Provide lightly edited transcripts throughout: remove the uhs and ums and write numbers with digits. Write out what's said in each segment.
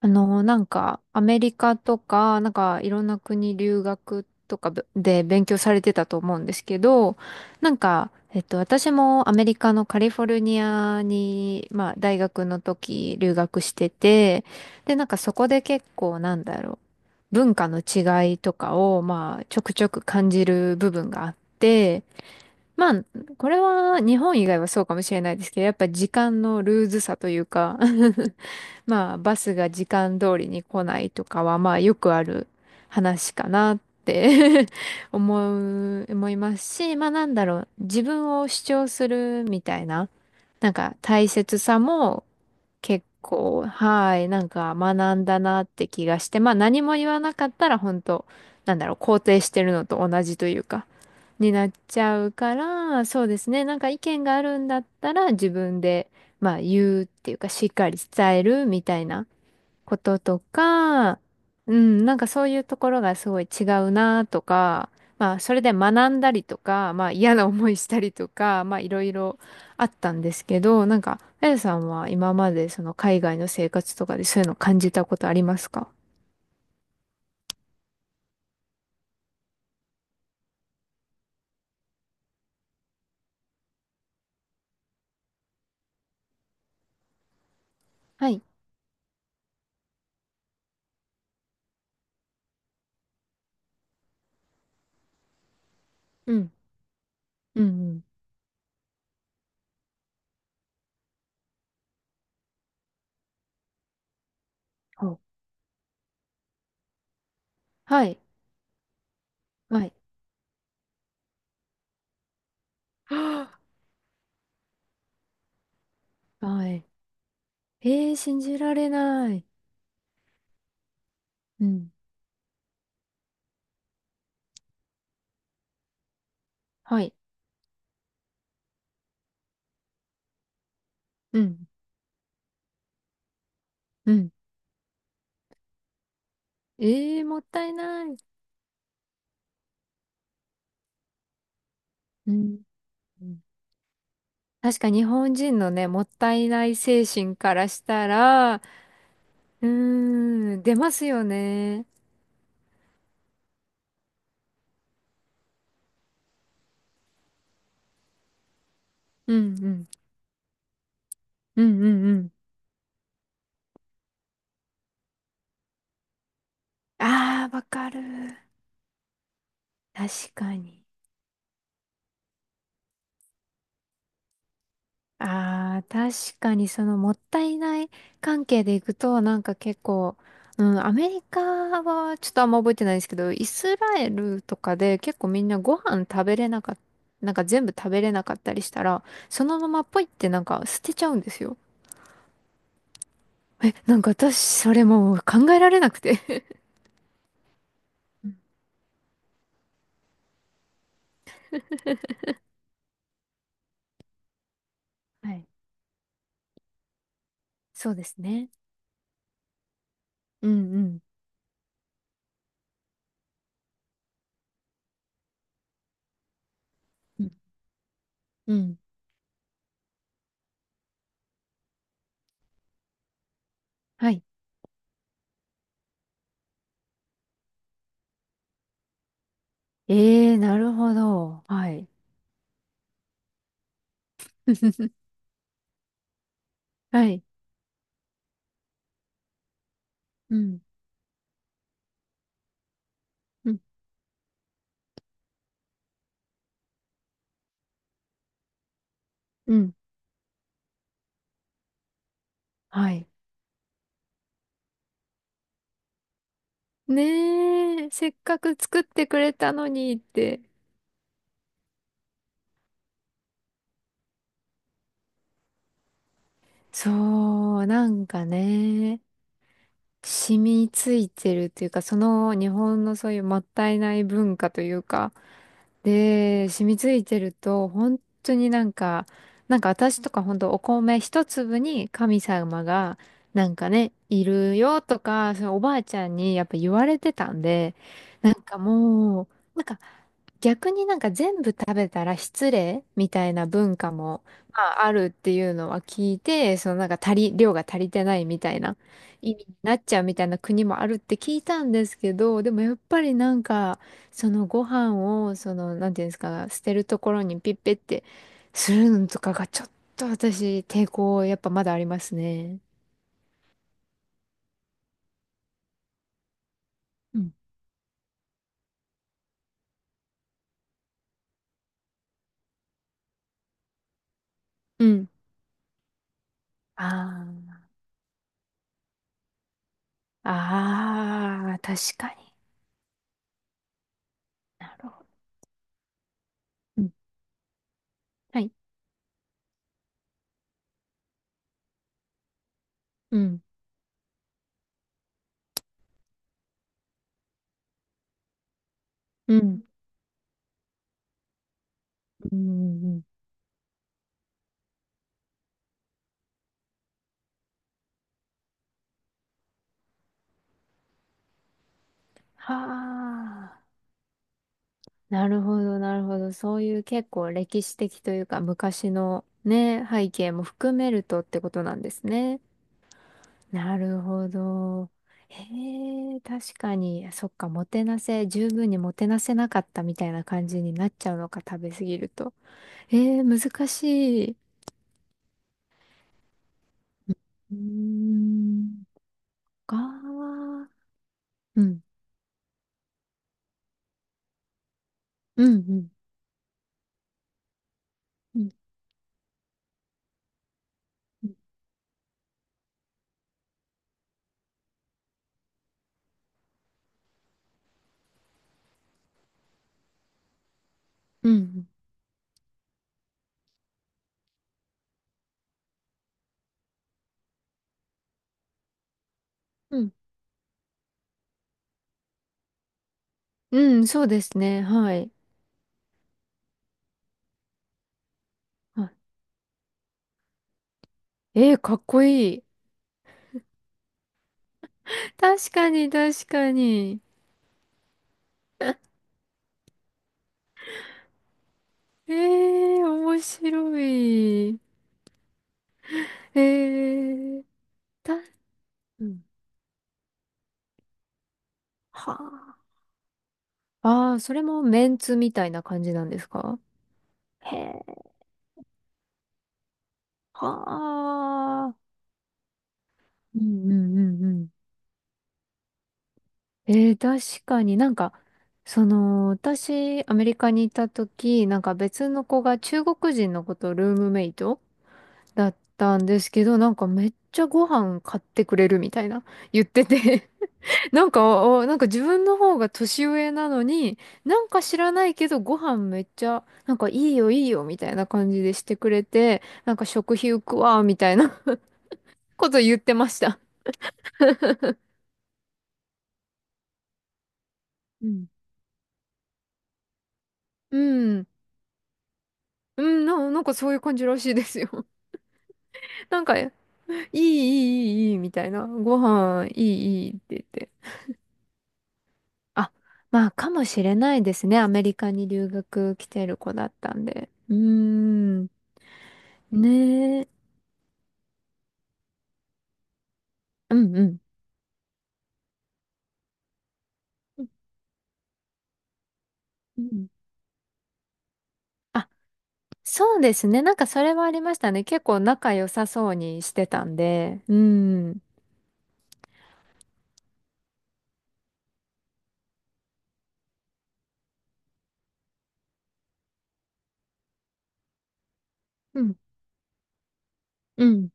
なんか、アメリカとか、なんか、いろんな国留学とかぶで勉強されてたと思うんですけど、なんか、私もアメリカのカリフォルニアに、まあ、大学の時留学してて、で、なんかそこで結構、なんだろう、文化の違いとかを、まあ、ちょくちょく感じる部分があって、まあ、これは日本以外はそうかもしれないですけど、やっぱ時間のルーズさというか まあ、バスが時間通りに来ないとかは、まあ、よくある話かなって 思思いますし、まあ、なんだろう、自分を主張するみたいな、なんか大切さも結構、はい、なんか学んだなって気がして、まあ、何も言わなかったら本当、なんだろう、肯定してるのと同じというか、になっちゃうから、そうですね。なんか意見があるんだったら自分で、まあ言うっていうか、しっかり伝えるみたいなこととか、うん、なんかそういうところがすごい違うなとか、まあそれで学んだりとか、まあ嫌な思いしたりとか、まあいろいろあったんですけど、なんか、あやさんは今までその海外の生活とかでそういうの感じたことありますか？はい。うん。うんうん。ほうはい。はい。はあはい。ええー、信じられない。うん。はい。うん。うん。ええー、もったいない。うん。うん。確か日本人のね、もったいない精神からしたら、うーん、出ますよね。うんうん。うんうんうん。ああ、わかる。確かに。ああ、確かにそのもったいない関係でいくと、なんか結構、うん、アメリカはちょっとあんま覚えてないですけど、イスラエルとかで結構みんなご飯食べれなかった、なんか全部食べれなかったりしたら、そのままポイってなんか捨てちゃうんですよ。え、なんか私それもう考えられなくて。うん。はい。そうですね。うんうん。うんうん。はい。ええー、なるほど。はい。はい。うん。うん。うん。はい。ねえ、せっかく作ってくれたのにって。そう、なんかね、染みついてるというか、その日本のそういうもったいない文化というか、で、染みついてると、本当になんか、なんか私とか本当お米一粒に神様が、なんかね、いるよとか、そのおばあちゃんにやっぱ言われてたんで、なんかもう、なんか逆になんか全部食べたら失礼みたいな文化も、まあ、あるっていうのは聞いて、そのなんか量が足りてないみたいな。なっちゃうみたいな国もあるって聞いたんですけど、でもやっぱりなんか、そのご飯を、その、なんていうんですか、捨てるところにピッペってするのとかがちょっと私、抵抗やっぱまだありますね。うんうん。ああ、ああ、確かに。なるほど。うんはい。うん。うん。うん。うんうんはあ。なるほど、なるほど。そういう結構歴史的というか昔のね、背景も含めるとってことなんですね。なるほど。へえ、確かに、そっか、もてなせ、十分にもてなせなかったみたいな感じになっちゃうのか、食べ過ぎると。ええ、難しい。うーん、かー、うん、うん、うん、うん、うん、うん、うん、うんそうですね、はい。あええ、かっこいい。確かに、確かに。ええー、面白い。ええー、た、うん。はあ。ああ、それもメンツみたいな感じなんですか？へえ、はあ。うんうんうんうん。えー、確かになんか、その、私、アメリカにいた時、なんか別の子が中国人の子とルームメイトだったんですけど、なんかめっちゃご飯買ってくれるみたいな言ってて、なんか、おなんか自分の方が年上なのに、なんか知らないけどご飯めっちゃ、なんかいいよいいよみたいな感じでしてくれて、なんか食費浮くわみたいな こと言ってました。うん。うん。うん、なんかそういう感じらしいですよ。なんか、いい、いい、いい、いい、みたいな。ご飯、いい、いいって言って。あ、まあ、かもしれないですね。アメリカに留学来てる子だったんで。うーん。ねえ。うん、うん。うん。うんそうですね。なんかそれはありましたね。結構仲良さそうにしてたんで。うん。うん。うん。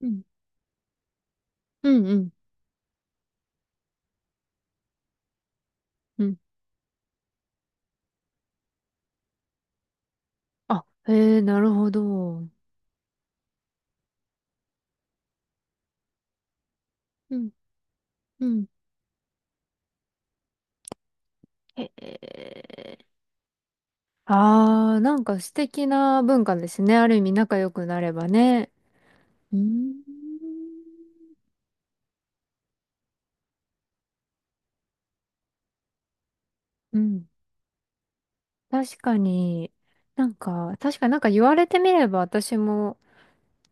うん。うん。うん。うん。あ、へえ、なるほど。うん。うん。へえ。ああ、なんか素敵な文化ですね。ある意味仲良くなればね。うーん。うん。確かに。なんか、確かになんか言われてみれば私も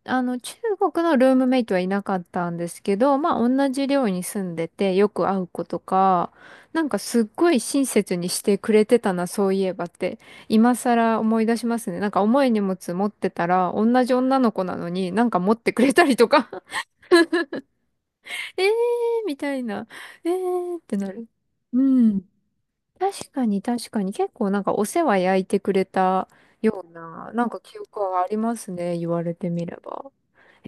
あの、中国のルームメイトはいなかったんですけど、まあ、同じ寮に住んでて、よく会う子とか、なんかすっごい親切にしてくれてたな、そういえばって、今更思い出しますね。なんか重い荷物持ってたら、同じ女の子なのになんか持ってくれたりとか えーみたいな、えーってなる。うん。確かに確かに、結構なんかお世話焼いてくれたような、なんか記憶はありますね、言われてみれば。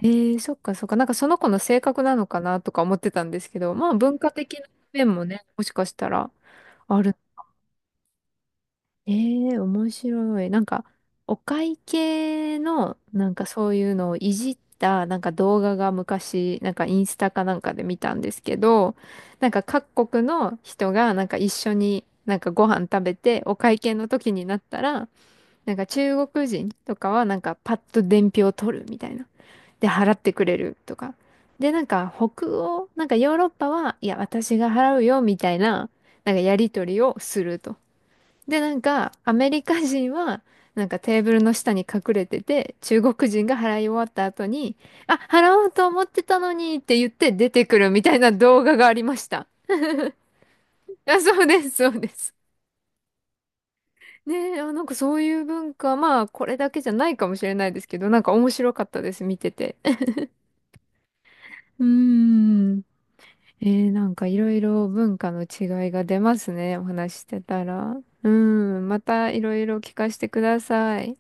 ええそっかそっか。なんかその子の性格なのかなとか思ってたんですけど、まあ文化的な面もね、もしかしたらある。ええ面白い。なんか、お会計の、なんかそういうのをいじった、なんか動画が昔、なんかインスタかなんかで見たんですけど、なんか各国の人がなんか一緒になんかご飯食べて、お会計の時になったら、なんか中国人とかはなんかパッと伝票を取るみたいな。で、払ってくれるとか。で、なんか北欧、なんかヨーロッパは、いや、私が払うよ、みたいな、なんかやり取りをすると。で、なんかアメリカ人は、なんかテーブルの下に隠れてて、中国人が払い終わった後に、あ、払おうと思ってたのにって言って出てくるみたいな動画がありました。あ、そうです、そうです。ねえ、あ、なんかそういう文化、まあ、これだけじゃないかもしれないですけど、なんか面白かったです、見てて。うーん。えー、なんかいろいろ文化の違いが出ますね、お話ししてたら。うん、またいろいろ聞かせてください。